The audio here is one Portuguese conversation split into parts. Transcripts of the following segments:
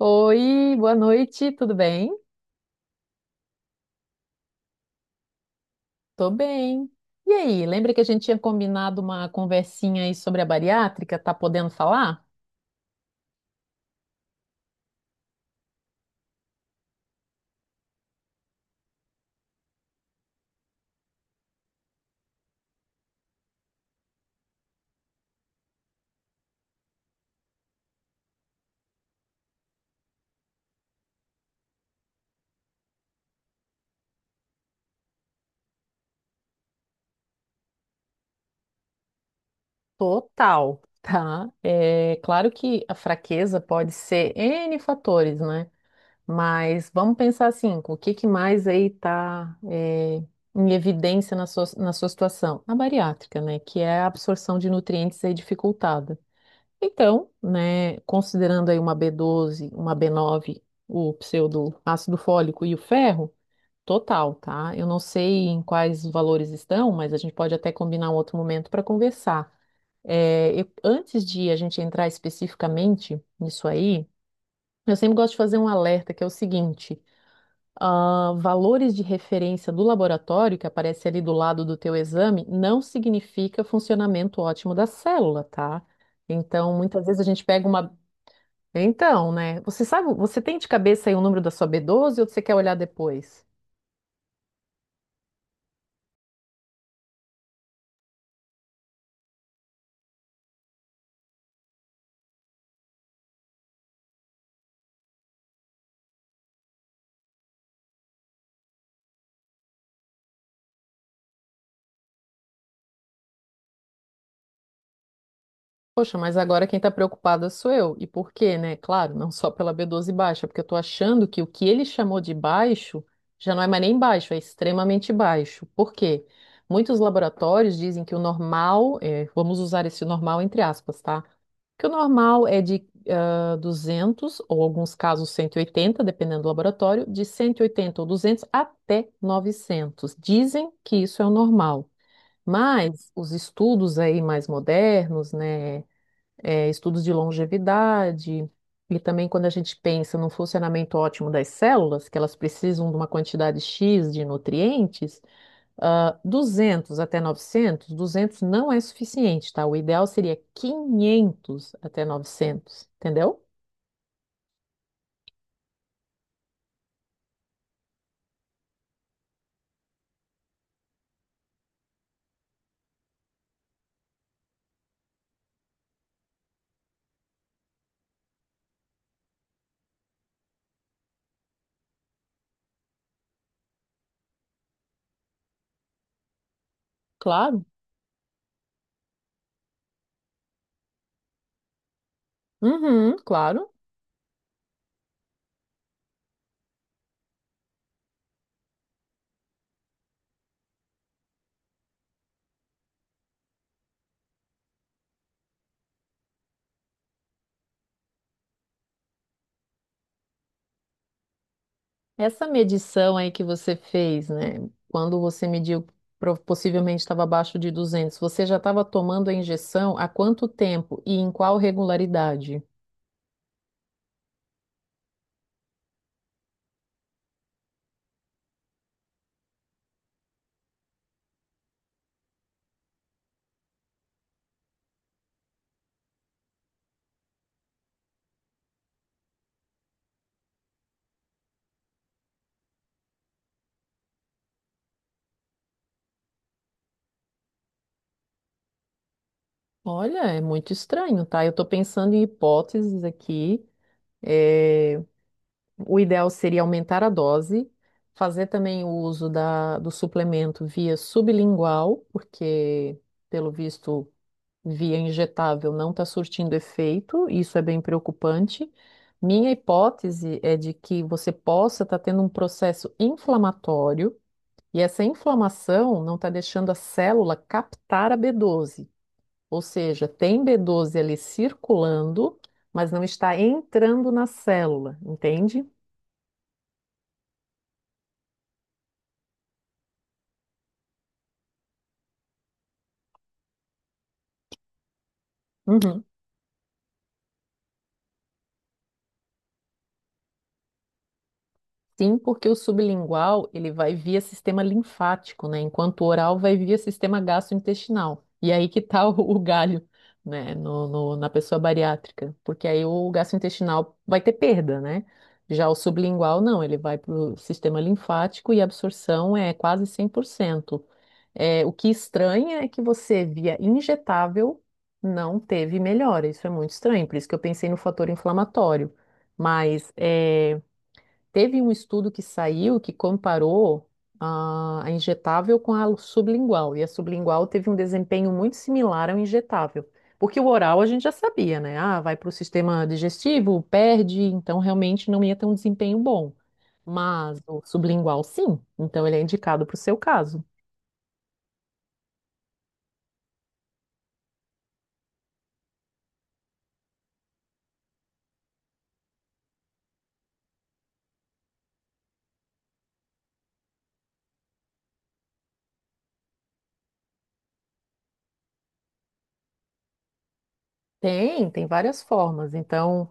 Oi, boa noite, tudo bem? Tô bem. E aí, lembra que a gente tinha combinado uma conversinha aí sobre a bariátrica? Tá podendo falar? Total, tá? É claro que a fraqueza pode ser N fatores, né? Mas vamos pensar assim, o que que mais aí tá é, em evidência na sua situação? A bariátrica, né? Que é a absorção de nutrientes aí dificultada. Então, né, considerando aí uma B12, uma B9, o pseudo ácido fólico e o ferro, total, tá? Eu não sei em quais valores estão, mas a gente pode até combinar um outro momento para conversar. É, antes de a gente entrar especificamente nisso aí, eu sempre gosto de fazer um alerta que é o seguinte: valores de referência do laboratório que aparece ali do lado do teu exame não significa funcionamento ótimo da célula, tá? Então, muitas vezes a gente pega uma então, né? Você sabe, você tem de cabeça aí o número da sua B12 ou você quer olhar depois? Poxa, mas agora quem está preocupada sou eu. E por quê, né? Claro, não só pela B12 baixa, porque eu estou achando que o que ele chamou de baixo já não é mais nem baixo, é extremamente baixo. Por quê? Muitos laboratórios dizem que o normal, é, vamos usar esse normal entre aspas, tá? Que o normal é de 200, ou alguns casos 180, dependendo do laboratório, de 180 ou 200 até 900. Dizem que isso é o normal. Mas os estudos aí mais modernos, né? Estudos de longevidade, e também quando a gente pensa no funcionamento ótimo das células, que elas precisam de uma quantidade X de nutrientes, 200 até 900, 200 não é suficiente, tá? O ideal seria 500 até 900, entendeu? Claro. Uhum, claro. Essa medição aí que você fez, né? Quando você mediu, possivelmente estava abaixo de 200, você já estava tomando a injeção há quanto tempo e em qual regularidade? Olha, é muito estranho, tá? Eu estou pensando em hipóteses aqui. É, o ideal seria aumentar a dose, fazer também o uso do suplemento via sublingual, porque, pelo visto, via injetável não está surtindo efeito, isso é bem preocupante. Minha hipótese é de que você possa estar tendo um processo inflamatório, e essa inflamação não está deixando a célula captar a B12. Ou seja, tem B12 ali circulando, mas não está entrando na célula, entende? Uhum. Sim, porque o sublingual ele vai via sistema linfático, né? Enquanto o oral vai via sistema gastrointestinal. E aí que tá o galho, né? Na pessoa bariátrica, porque aí o gastrointestinal vai ter perda, né? Já o sublingual não, ele vai para o sistema linfático e a absorção é quase 100%. É, o que estranha é que você via injetável não teve melhora. Isso é muito estranho, por isso que eu pensei no fator inflamatório. Mas é, teve um estudo que saiu que comparou a injetável com a sublingual, e a sublingual teve um desempenho muito similar ao injetável. Porque o oral a gente já sabia, né? Ah, vai para o sistema digestivo, perde, então realmente não ia ter um desempenho bom. Mas o sublingual, sim, então ele é indicado para o seu caso. Tem várias formas. Então.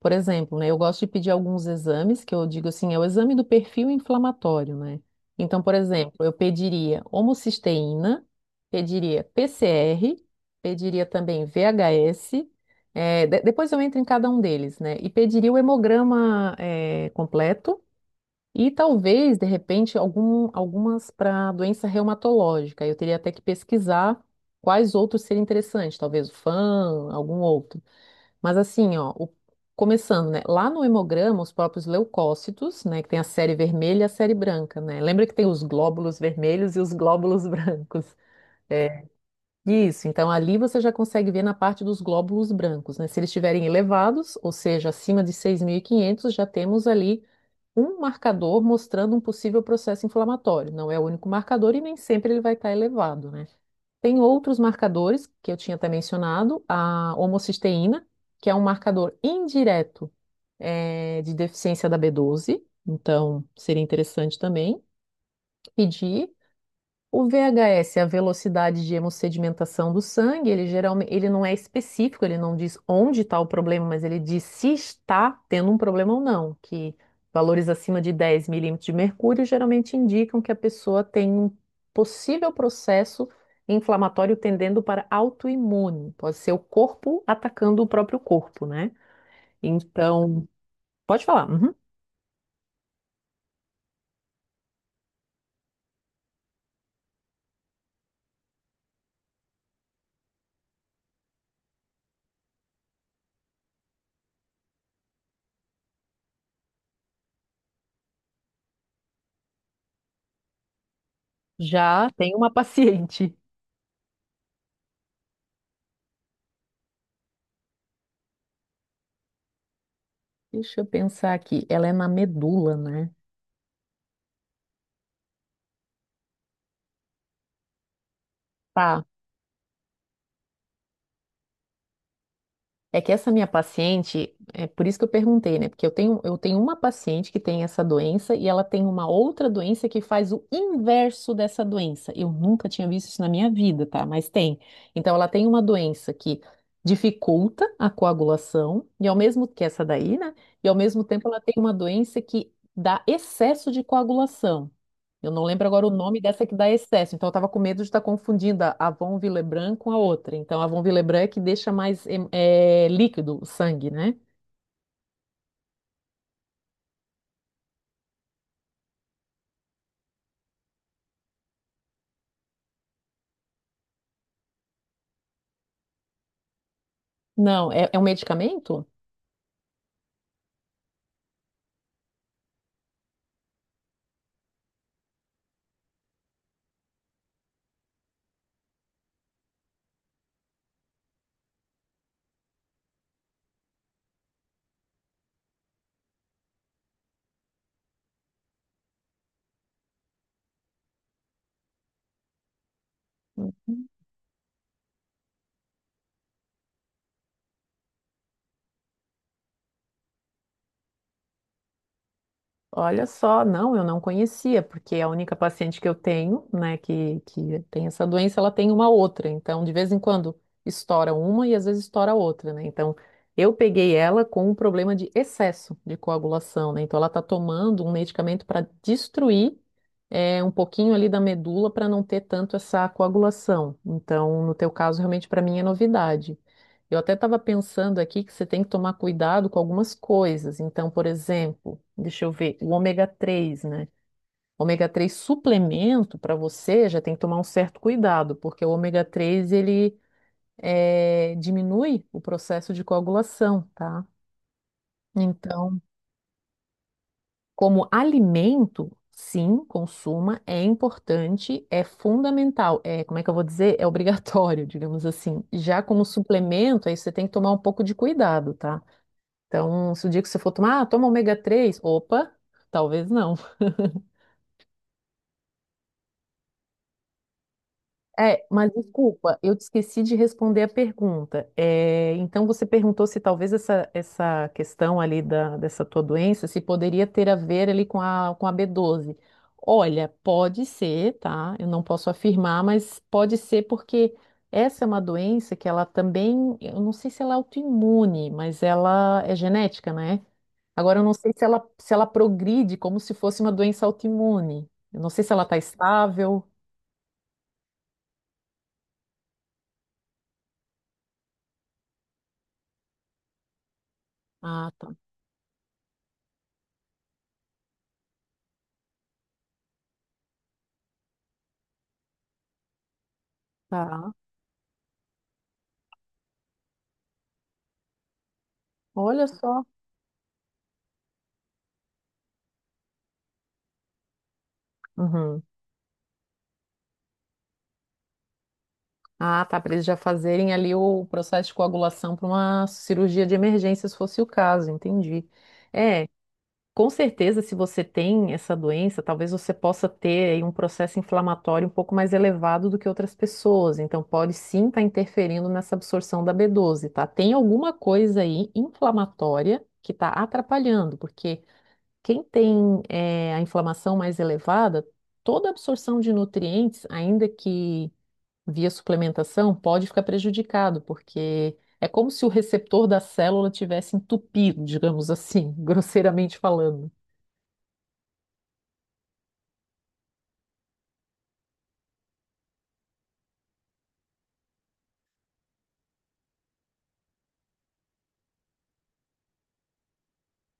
Por exemplo, né, eu gosto de pedir alguns exames, que eu digo assim, é o exame do perfil inflamatório, né? Então, por exemplo, eu pediria homocisteína, pediria PCR, pediria também VHS, depois eu entro em cada um deles, né? E pediria o hemograma, completo e talvez, de repente, algumas para doença reumatológica. Eu teria até que pesquisar quais outros seriam interessantes, talvez o FAM, algum outro. Mas assim, ó, começando, né? Lá no hemograma, os próprios leucócitos, né? Que tem a série vermelha e a série branca, né? Lembra que tem os glóbulos vermelhos e os glóbulos brancos. É, isso, então ali você já consegue ver na parte dos glóbulos brancos, né? Se eles estiverem elevados, ou seja, acima de 6.500, já temos ali um marcador mostrando um possível processo inflamatório. Não é o único marcador e nem sempre ele vai estar elevado, né? Tem outros marcadores que eu tinha até mencionado, a homocisteína, que é um marcador indireto de deficiência da B12, então seria interessante também pedir. O VHS é a velocidade de hemossedimentação do sangue. Ele geralmente, ele não é específico, ele não diz onde está o problema, mas ele diz se está tendo um problema ou não. Que valores acima de 10 mmHg geralmente indicam que a pessoa tem um possível processo inflamatório tendendo para autoimune. Pode ser o corpo atacando o próprio corpo, né? Então, pode falar. Uhum. Já tem uma paciente. Deixa eu pensar aqui. Ela é na medula, né? Tá. É que essa minha paciente, é por isso que eu perguntei, né? Porque eu tenho uma paciente que tem essa doença e ela tem uma outra doença que faz o inverso dessa doença. Eu nunca tinha visto isso na minha vida, tá? Mas tem. Então, ela tem uma doença que dificulta a coagulação, e ao mesmo que essa daí, né? E ao mesmo tempo ela tem uma doença que dá excesso de coagulação. Eu não lembro agora o nome dessa que dá excesso, então eu estava com medo de estar confundindo a Avon Villebranc com a outra. Então, a Avon Villebranc é que deixa mais líquido o sangue, né? Não, é um medicamento? Olha só, não, eu não conhecia, porque a única paciente que eu tenho, né, que tem essa doença, ela tem uma outra. Então, de vez em quando estoura uma e às vezes estoura outra, né? Então, eu peguei ela com um problema de excesso de coagulação, né? Então, ela tá tomando um medicamento para destruir um pouquinho ali da medula para não ter tanto essa coagulação. Então, no teu caso, realmente para mim é novidade. Eu até estava pensando aqui que você tem que tomar cuidado com algumas coisas. Então, por exemplo, deixa eu ver, o ômega 3, né? Ômega 3 suplemento para você já tem que tomar um certo cuidado, porque o ômega 3 ele diminui o processo de coagulação, tá? Então, como alimento, sim, consuma, é importante, é fundamental, é, como é que eu vou dizer? É obrigatório, digamos assim. Já como suplemento, aí você tem que tomar um pouco de cuidado, tá? Então, se o dia que você for tomar, ah, toma ômega 3. Opa, talvez não. É, mas desculpa, eu te esqueci de responder a pergunta. É, então, você perguntou se talvez essa questão ali dessa tua doença, se poderia ter a ver ali com a, B12. Olha, pode ser, tá? Eu não posso afirmar, mas pode ser porque essa é uma doença que ela também, eu não sei se ela é autoimune, mas ela é genética, né? Agora, eu não sei se ela progride como se fosse uma doença autoimune. Eu não sei se ela está estável. Ah, tá. Tá. Olha só. Uhum. Ah, tá. Para eles já fazerem ali o processo de coagulação para uma cirurgia de emergência, se fosse o caso, entendi. É, com certeza, se você tem essa doença, talvez você possa ter aí um processo inflamatório um pouco mais elevado do que outras pessoas. Então, pode sim estar interferindo nessa absorção da B12, tá? Tem alguma coisa aí inflamatória que está atrapalhando, porque quem tem a inflamação mais elevada, toda a absorção de nutrientes, ainda que via suplementação, pode ficar prejudicado, porque é como se o receptor da célula tivesse entupido, digamos assim, grosseiramente falando.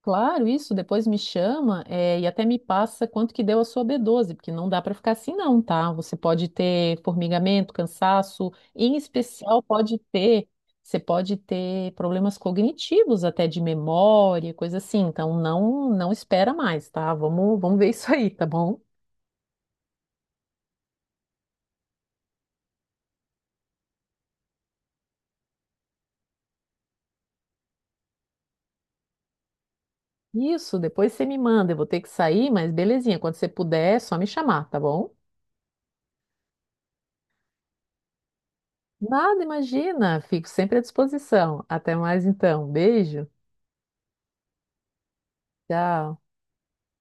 Claro, isso, depois me chama, e até me passa quanto que deu a sua B12, porque não dá para ficar assim não, tá? Você pode ter formigamento, cansaço, em especial você pode ter problemas cognitivos, até de memória, coisa assim. Então não, espera mais, tá? Vamos ver isso aí, tá bom? Isso, depois você me manda, eu vou ter que sair, mas belezinha, quando você puder, é só me chamar, tá bom? Nada, imagina, fico sempre à disposição. Até mais então, beijo, tchau.